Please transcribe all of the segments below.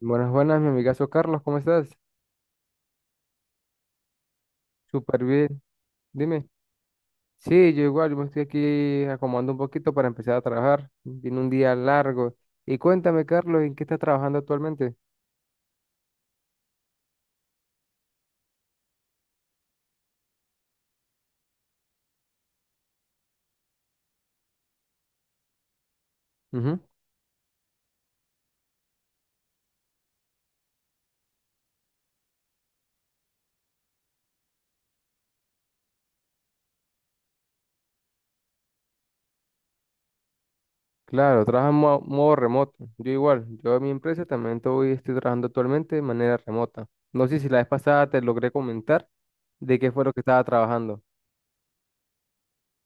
Buenas, buenas, mi amigazo Carlos, ¿cómo estás? Súper bien, dime. Sí, yo igual, yo me estoy aquí acomodando un poquito para empezar a trabajar. Tiene un día largo. Y cuéntame, Carlos, ¿en qué estás trabajando actualmente? Ujú. Claro, trabajo en modo remoto. Yo igual, yo en mi empresa también estoy trabajando actualmente de manera remota. No sé si la vez pasada te logré comentar de qué fue lo que estaba trabajando.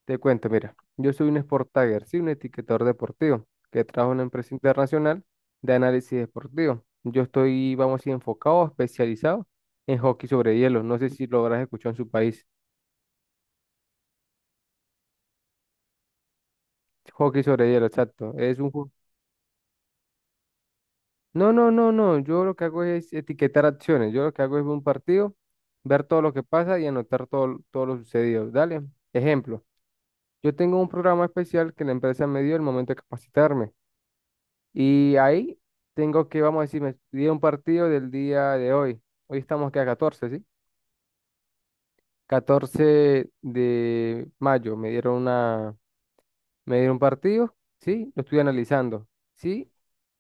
Te cuento, mira, yo soy un Sport Tagger, sí, un etiquetador deportivo, que trabajo en una empresa internacional de análisis deportivo. Yo estoy, vamos a decir, enfocado, especializado en hockey sobre hielo. No sé si lo habrás escuchado en su país. Hockey sobre hielo, exacto. Es un No, no, no, no. Yo lo que hago es etiquetar acciones. Yo lo que hago es ver un partido, ver todo lo que pasa y anotar todo, todo lo sucedido. Dale, ejemplo. Yo tengo un programa especial que la empresa me dio el momento de capacitarme. Y ahí tengo que, vamos a decir, me dieron un partido del día de hoy. Hoy estamos que a 14, ¿sí? Catorce de mayo me dieron una, me dieron un partido, ¿sí? Lo estoy analizando, ¿sí?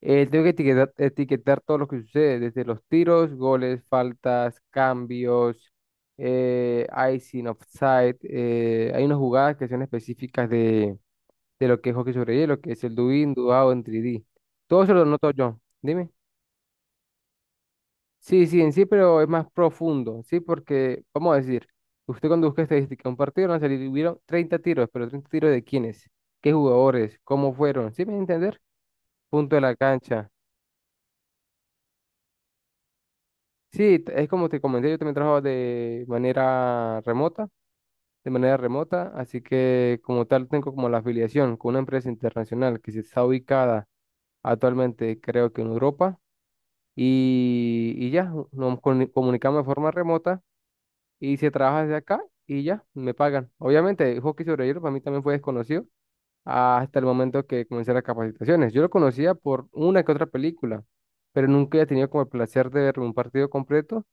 Tengo que etiquetar, todo lo que sucede, desde los tiros, goles, faltas, cambios, eh, icing, offside. Hay unas jugadas que son específicas de lo que es hockey sobre hielo, que es el do in, do out, en 3D. Todo eso lo noto yo. Dime. Sí, sí, en sí, pero es más profundo, ¿sí? Porque, vamos a decir, usted cuando busca estadística, un partido van a salir, hubieron 30 tiros, pero 30 tiros de quiénes, qué jugadores, cómo fueron, ¿sí me voy a entender? Punto de la cancha. Sí, es como te comenté, yo también trabajo de manera remota, así que como tal tengo como la afiliación con una empresa internacional que se está ubicada actualmente, creo que en Europa, y ya, nos comunicamos de forma remota y se trabaja desde acá y ya, me pagan. Obviamente, hockey sobre hielo para mí también fue desconocido hasta el momento que comencé las capacitaciones. Yo lo conocía por una que otra película, pero nunca he tenido como el placer de ver un partido completo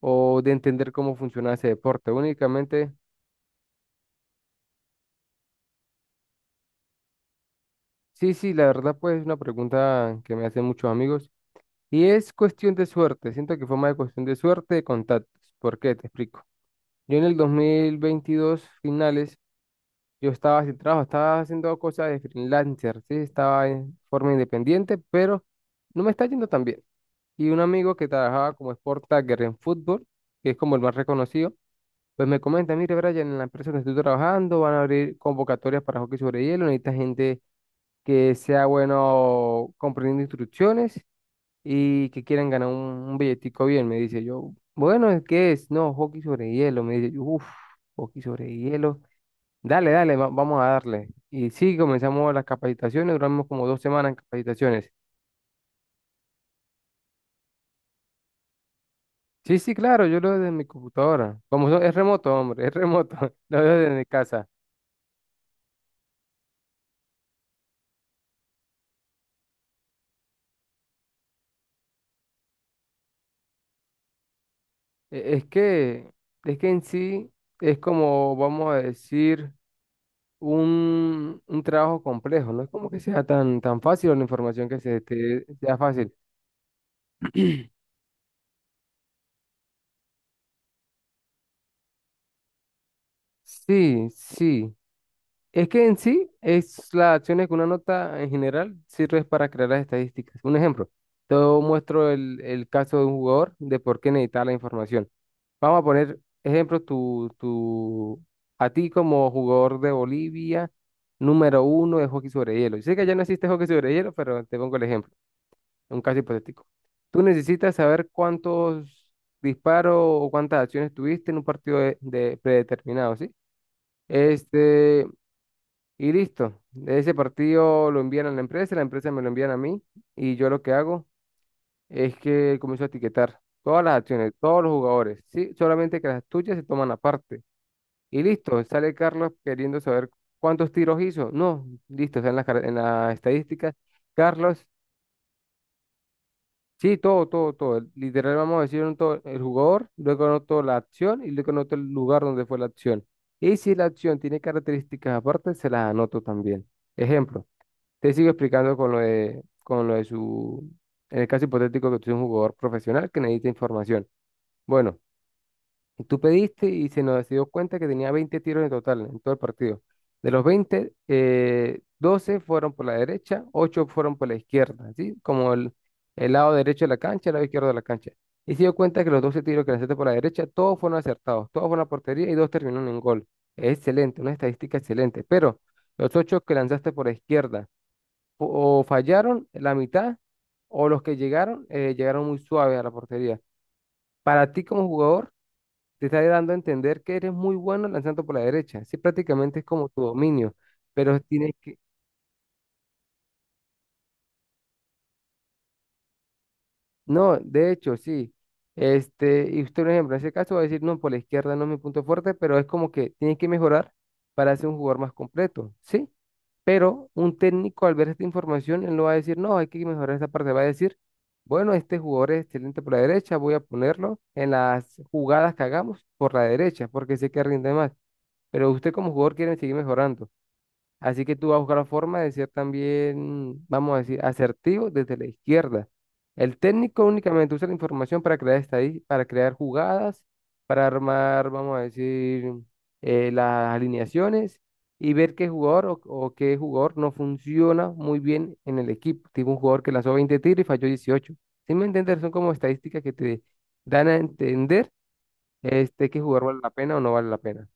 o de entender cómo funcionaba ese deporte. Únicamente. Sí, sí, la verdad, pues es una pregunta que me hacen muchos amigos y es cuestión de suerte. Siento que fue más de cuestión de suerte de contactos. ¿Por qué? Te explico. Yo en el 2022 finales. Yo estaba sin trabajo, estaba haciendo cosas de freelancer, sí, estaba en forma independiente, pero no me está yendo tan bien. Y un amigo que trabajaba como sport tagger en fútbol, que es como el más reconocido, pues me comenta: mire, Brian, en la empresa donde estoy trabajando van a abrir convocatorias para hockey sobre hielo, necesita gente que sea bueno comprendiendo instrucciones y que quieran ganar un, billetico bien, me dice yo. Bueno, ¿qué es? No, hockey sobre hielo, me dice yo, uff, hockey sobre hielo. Dale, dale, vamos a darle. Y sí, comenzamos las capacitaciones, duramos como 2 semanas en capacitaciones. Sí, sí, claro, yo lo veo desde mi computadora. Como es remoto, hombre, es remoto, lo veo desde mi casa. E- Es que, es que en sí es como, vamos a decir, un, trabajo complejo, no es como que sea tan, tan fácil o la información que se te sea fácil. Sí, sí, es que en sí es las acciones que una nota en general sirve para crear las estadísticas. Un ejemplo, te muestro el caso de un jugador de por qué necesita la información. Vamos a poner ejemplo, a ti como jugador de Bolivia, número uno de hockey sobre hielo. Yo sé que ya no existe hockey sobre hielo, pero te pongo el ejemplo, un caso hipotético. Tú necesitas saber cuántos disparos o cuántas acciones tuviste en un partido de predeterminado, ¿sí? Este, y listo. Ese partido lo envían a la empresa me lo envían a mí y yo lo que hago es que comienzo a etiquetar todas las acciones, todos los jugadores, ¿sí? Solamente que las tuyas se toman aparte. Y listo, sale Carlos queriendo saber cuántos tiros hizo. No, listo, o sea, en las estadísticas, Carlos, sí, todo, todo, todo. Literal, vamos a decir un todo, el jugador, luego anoto la acción y luego anoto el lugar donde fue la acción. Y si la acción tiene características aparte, se las anoto también. Ejemplo. Te sigo explicando con lo de, su, en el caso hipotético que tú eres un jugador profesional que necesita información. Bueno, tú pediste y se nos dio cuenta que tenía 20 tiros en total en todo el partido. De los 20 12 fueron por la derecha, 8 fueron por la izquierda, ¿sí? Como el lado derecho de la cancha, el lado izquierdo de la cancha. Y se dio cuenta que los 12 tiros que lanzaste por la derecha, todos fueron acertados, todos fueron a portería y dos terminaron en gol. Excelente, una estadística excelente. Pero los 8 que lanzaste por la izquierda, o fallaron la mitad o los que llegaron muy suaves a la portería. Para ti como jugador, te está dando a entender que eres muy bueno lanzando por la derecha. Sí, prácticamente es como tu dominio, pero tienes que. No, de hecho, sí. Este, y usted, por ejemplo, en ese caso va a decir: no, por la izquierda no es mi punto fuerte, pero es como que tiene que mejorar para ser un jugador más completo, ¿sí? Pero un técnico, al ver esta información, él no va a decir: no, hay que mejorar esa parte. Va a decir: bueno, este jugador es excelente por la derecha, voy a ponerlo en las jugadas que hagamos por la derecha, porque sé que rinde más. Pero usted como jugador quiere seguir mejorando. Así que tú vas a buscar la forma de ser también, vamos a decir, asertivo desde la izquierda. El técnico únicamente usa la información para crear jugadas, para armar, vamos a decir, las alineaciones y ver qué jugador o qué jugador no funciona muy bien en el equipo. Tipo un jugador que lanzó 20 tiros y falló 18. ¿Sí me entiendes? Son como estadísticas que te dan a entender este, qué jugador vale la pena o no vale la pena.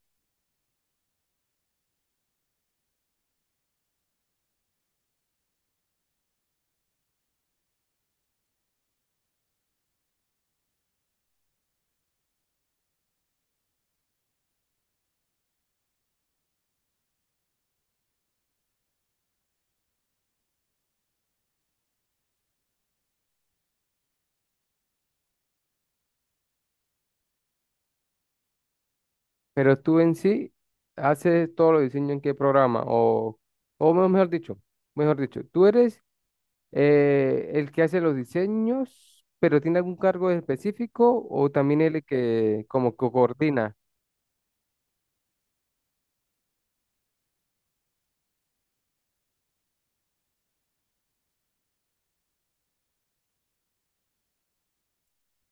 Pero tú en sí haces todos los diseños en qué programa o mejor dicho, tú eres el que hace los diseños, pero tiene algún cargo específico o también el que como que coordina.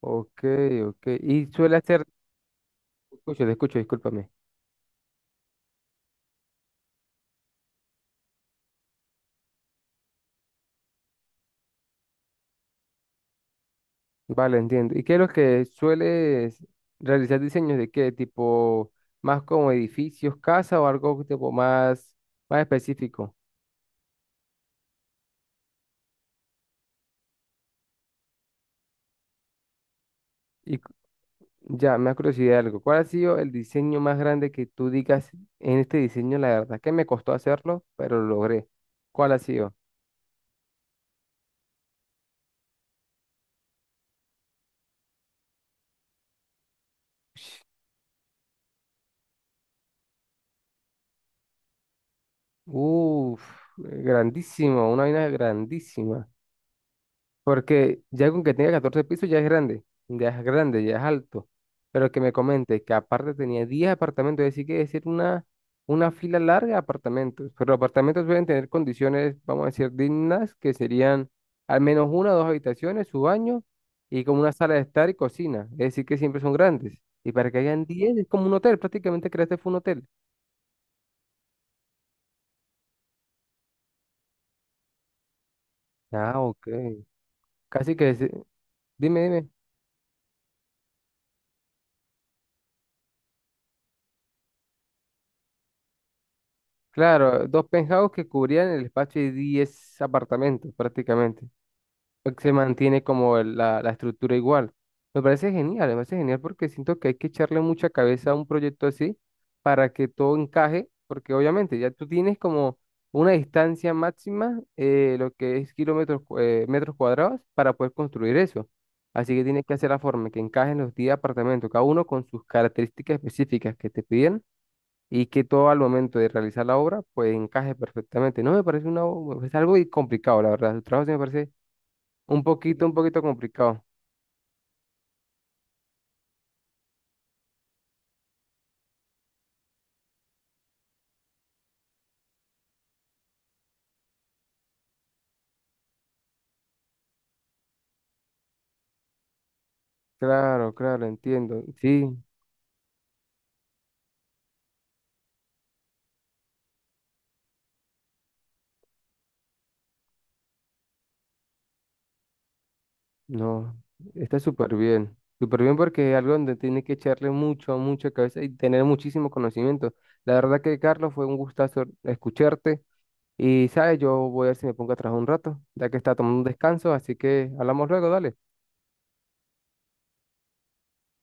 Ok, ok. Y suele hacer, escucho, te escucho, discúlpame. Vale, entiendo. ¿Y qué es lo que sueles realizar, diseños de qué tipo, más como edificios, casa o algo tipo más específico? ¿Y Ya, me ha curiosidad algo. ¿Cuál ha sido el diseño más grande que tú digas: en este diseño, la verdad que me costó hacerlo, pero lo logré? ¿Cuál ha sido? Ush. Uf, grandísimo, una vaina grandísima. Porque ya con que tenga 14 pisos ya es grande, ya es grande, ya es alto. Pero que me comente que aparte tenía 10 apartamentos, es decir, que decir una fila larga de apartamentos. Pero los apartamentos deben tener condiciones, vamos a decir, dignas, que serían al menos una o dos habitaciones, su baño y como una sala de estar y cocina. Es decir, que siempre son grandes. Y para que hayan 10 es como un hotel, prácticamente creaste fue un hotel. Ah, ok. Casi que, dime, dime. Claro, dos penthouse que cubrían el espacio de 10 apartamentos prácticamente. Pues se mantiene como la estructura igual. Me parece genial porque siento que hay que echarle mucha cabeza a un proyecto así para que todo encaje, porque obviamente ya tú tienes como una distancia máxima, lo que es kilómetros, metros cuadrados, para poder construir eso. Así que tienes que hacer la forma que encajen los 10 apartamentos, cada uno con sus características específicas que te piden y que todo al momento de realizar la obra pues encaje perfectamente. No me parece algo y complicado, la verdad. Su trabajo sí me parece un poquito complicado. Claro, claro, entiendo. Sí, no, está súper bien. Súper bien porque es algo donde tiene que echarle mucho, mucha cabeza y tener muchísimo conocimiento. La verdad que, Carlos, fue un gustazo escucharte. Y, ¿sabes? Yo voy a ver si me pongo a trabajar un rato, ya que está tomando un descanso, así que hablamos luego, dale.